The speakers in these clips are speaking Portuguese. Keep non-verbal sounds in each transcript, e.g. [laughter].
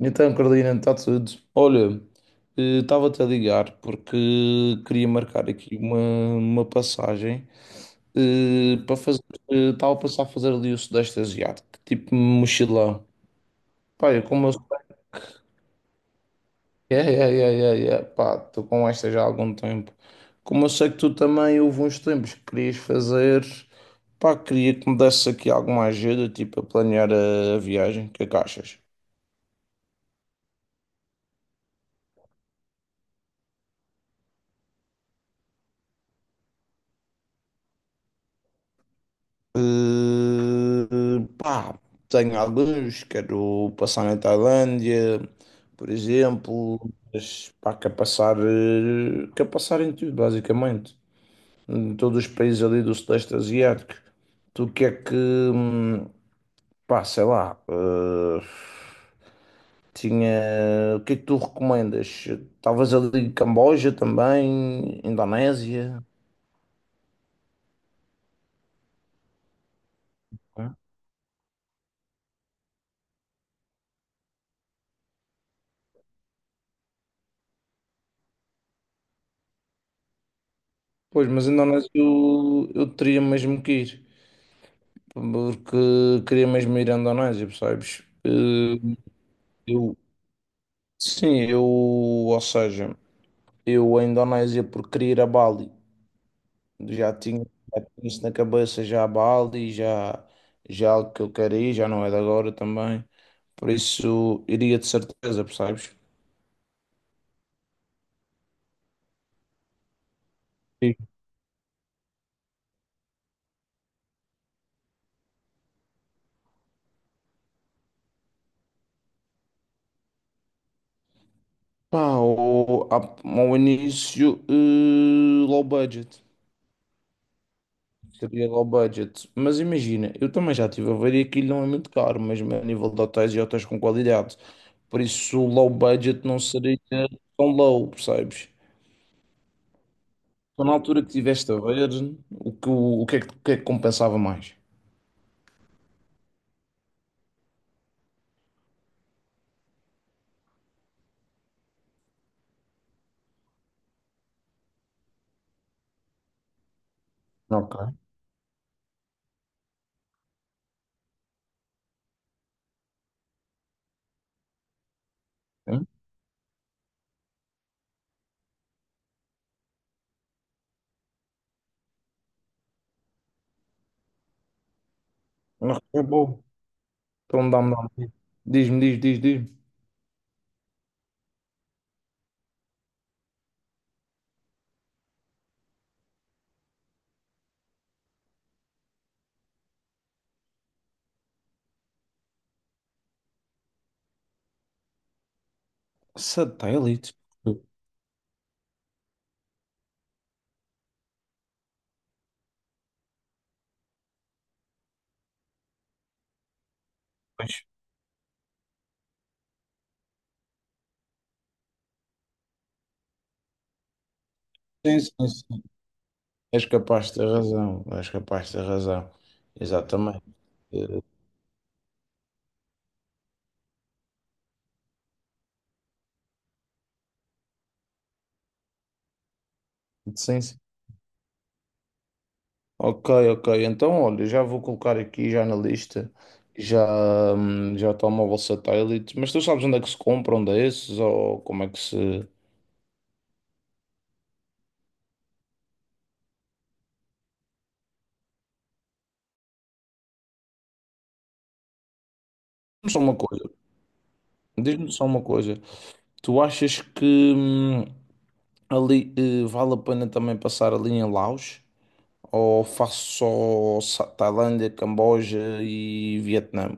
Então, Carolina, está tudo. Olha, estava-te a ligar porque queria marcar aqui uma passagem para fazer. Estava a pensar fazer ali o Sudeste Asiático, tipo mochilão. Pá, eu sei. Pá, estou com esta já há algum tempo. Como eu sei que tu também houve uns tempos que querias fazer, pá, queria que me desse aqui alguma ajuda, tipo, a planear a viagem. O que é que achas? Eh, pá, tenho alguns, quero passar na Tailândia, por exemplo, mas pá, quero passar, quero passar em tudo, basicamente, em todos os países ali do Sudeste Asiático. Tu que é que, pá, sei lá, tinha, o que é que tu recomendas? Talvez ali Camboja também, Indonésia. Pois, mas Indonésia eu teria mesmo que ir. Porque queria mesmo ir à Indonésia, percebes? Eu, sim, ou seja, eu à Indonésia porque queria ir a Bali, já tinha, já tinha isso na cabeça, já a Bali, já, já é algo que eu quero ir, já não é de agora também, por isso iria de certeza, percebes? Sim. Pá, ao início, low budget. Seria low budget. Mas imagina, eu também já estive a ver e aquilo não é muito caro, mesmo a nível de hotéis e hotéis com qualidade. Por isso, o low budget não seria tão low, percebes? Então, na altura que estiveste a ver, o que é que compensava mais? Ok. Hum? Não, é bom. Então dá-me. Diz-me, diz. Satélite? Pois. Sim, sim, sim. És capaz de ter razão. És capaz de ter razão. Exatamente. Eh, Sim, sim. Ok, ok. Então, olha, já vou colocar aqui já na lista, já, já telemóvel satélite, mas tu sabes onde é que se compra, onde é esses, ou como é que se... Diz-me Só uma coisa, diz-me só uma coisa, tu achas que hum, ali vale a pena também passar ali em Laos, ou faço só Tailândia, Camboja e Vietnã?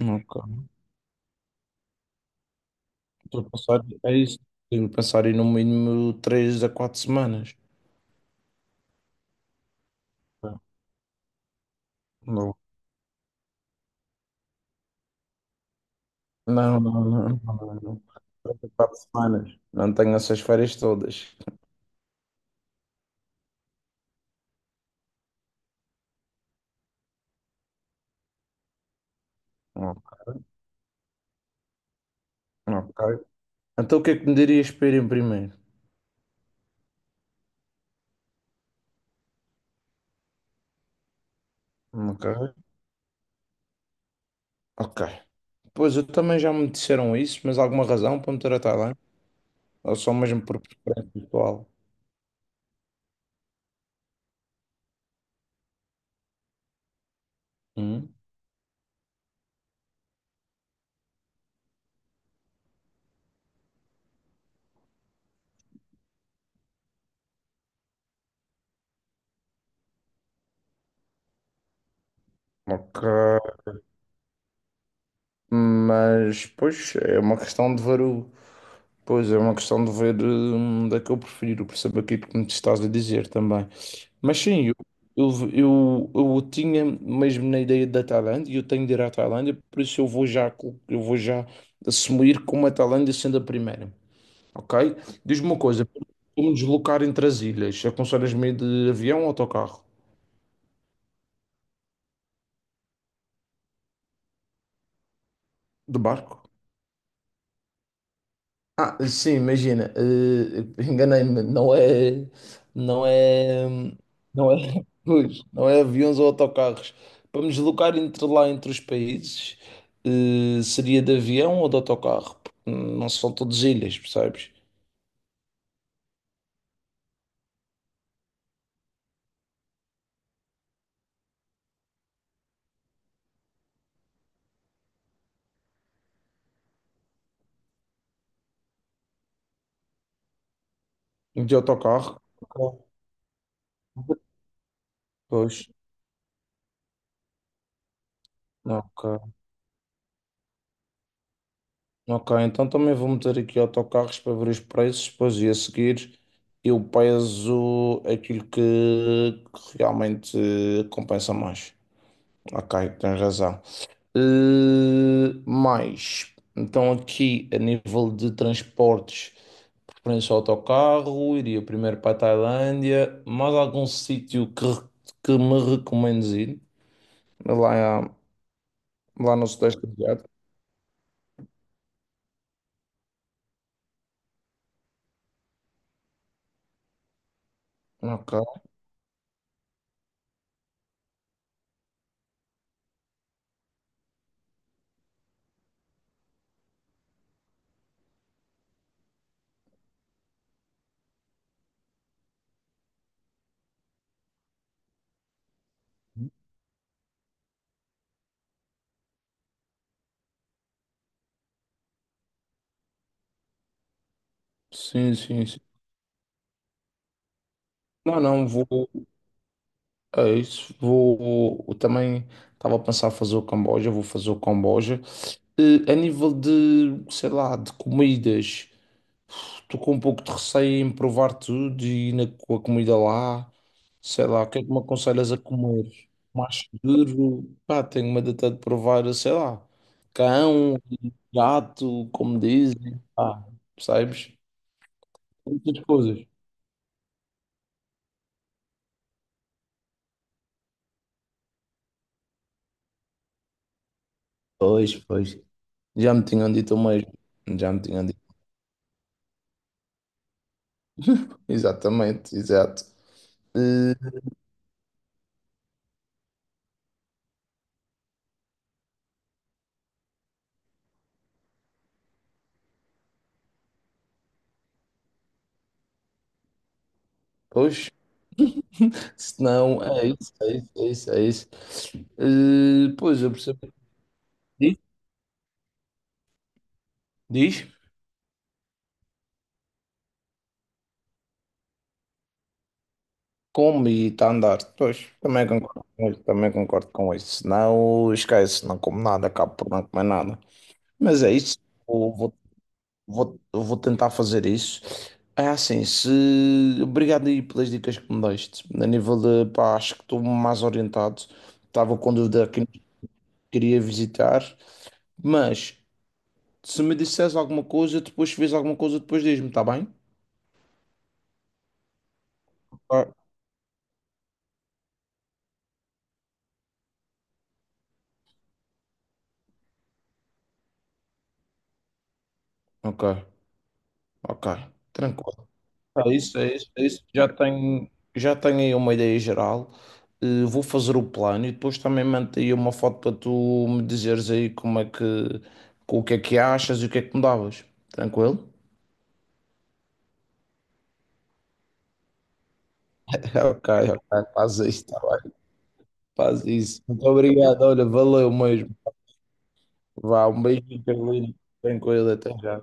Ok. Estou a pensar, é isso, tenho que pensar em no mínimo três a quatro semanas. Tá. Não, não, não, não, não, não. Três a quatro semanas. Não tenho essas férias todas. Ok. Ok. Então o que é que me dirias para ir em primeiro? Ok. Ok. Pois eu também já me disseram isso, mas alguma razão para me ter a Tailândia? Ou só mesmo por preferência pessoal? Hum? Ok. Mas, pois, é uma questão de ver o... Pois, é uma questão de ver onde é que eu prefiro, por saber aquilo que me estás a dizer também. Mas sim, eu, eu, eu tinha mesmo na ideia da Tailândia, e eu tenho de ir à Tailândia, por isso eu vou já assumir como a Tailândia sendo a primeira, ok? Diz-me uma coisa, como me deslocar entre as ilhas? Aconselhas-me de avião ou autocarro? De barco? Ah, sim, imagina, enganei-me, não é, não é, [laughs] pois, não é aviões ou autocarros. Para me deslocar entre lá, entre os países, seria de avião ou de autocarro? Porque não são todas ilhas, percebes? De autocarro? Ok. Pois, ok. Ok, então também vou meter aqui autocarros para ver os preços, depois e a seguir eu peso aquilo que realmente compensa mais. Ok, tens razão. Mais, então aqui a nível de transportes, preferência ao autocarro, iria primeiro para a Tailândia, mais algum sítio que me recomendes ir? Lá, lá no Sudeste Asiático. Ok, sim, sim, sim. Não, é isso, vou, eu também estava a pensar fazer o Camboja, vou fazer o Camboja. Eh, a nível de, sei lá, de comidas... Estou com um pouco de receio em provar tudo e ir na, com a comida lá. Sei lá, o que é que me aconselhas a comer? Mais seguro? Pá, tenho medo até de provar, sei lá, cão, gato, como dizem. Pá, percebes? Muitas coisas. Pois, pois. Já me tinham dito o mesmo. Já me tinham dito. Exatamente, exato. Eh, pois, se não, é isso, é isso, é isso, é isso. Eu percebo. Diz? Diz? Como e está a andar. Pois, também hum. Concordo com isso, também concordo com isso. Senão, esquece, não como nada, acabo por não comer nada. Mas é isso, eu vou, eu vou tentar fazer isso. É assim, se... Obrigado aí pelas dicas que me deste. A nível de, pá, acho que estou mais orientado. Estava com dúvida que queria visitar. Mas, se me disseres alguma coisa, depois, se vês alguma coisa, depois diz-me, está bem? Ok, ok, ok. Tranquilo. É isso, é isso, é isso. Já tenho aí uma ideia geral. Vou fazer o plano e depois também mando aí uma foto para tu me dizeres aí como é que, o que é que achas e o que é que mudavas. Tranquilo? [laughs] Ok, ok, faz isso, tá bem, faz isso. Muito obrigado, olha, valeu mesmo. Vá, um beijinho, Carolina. Tranquilo, até já.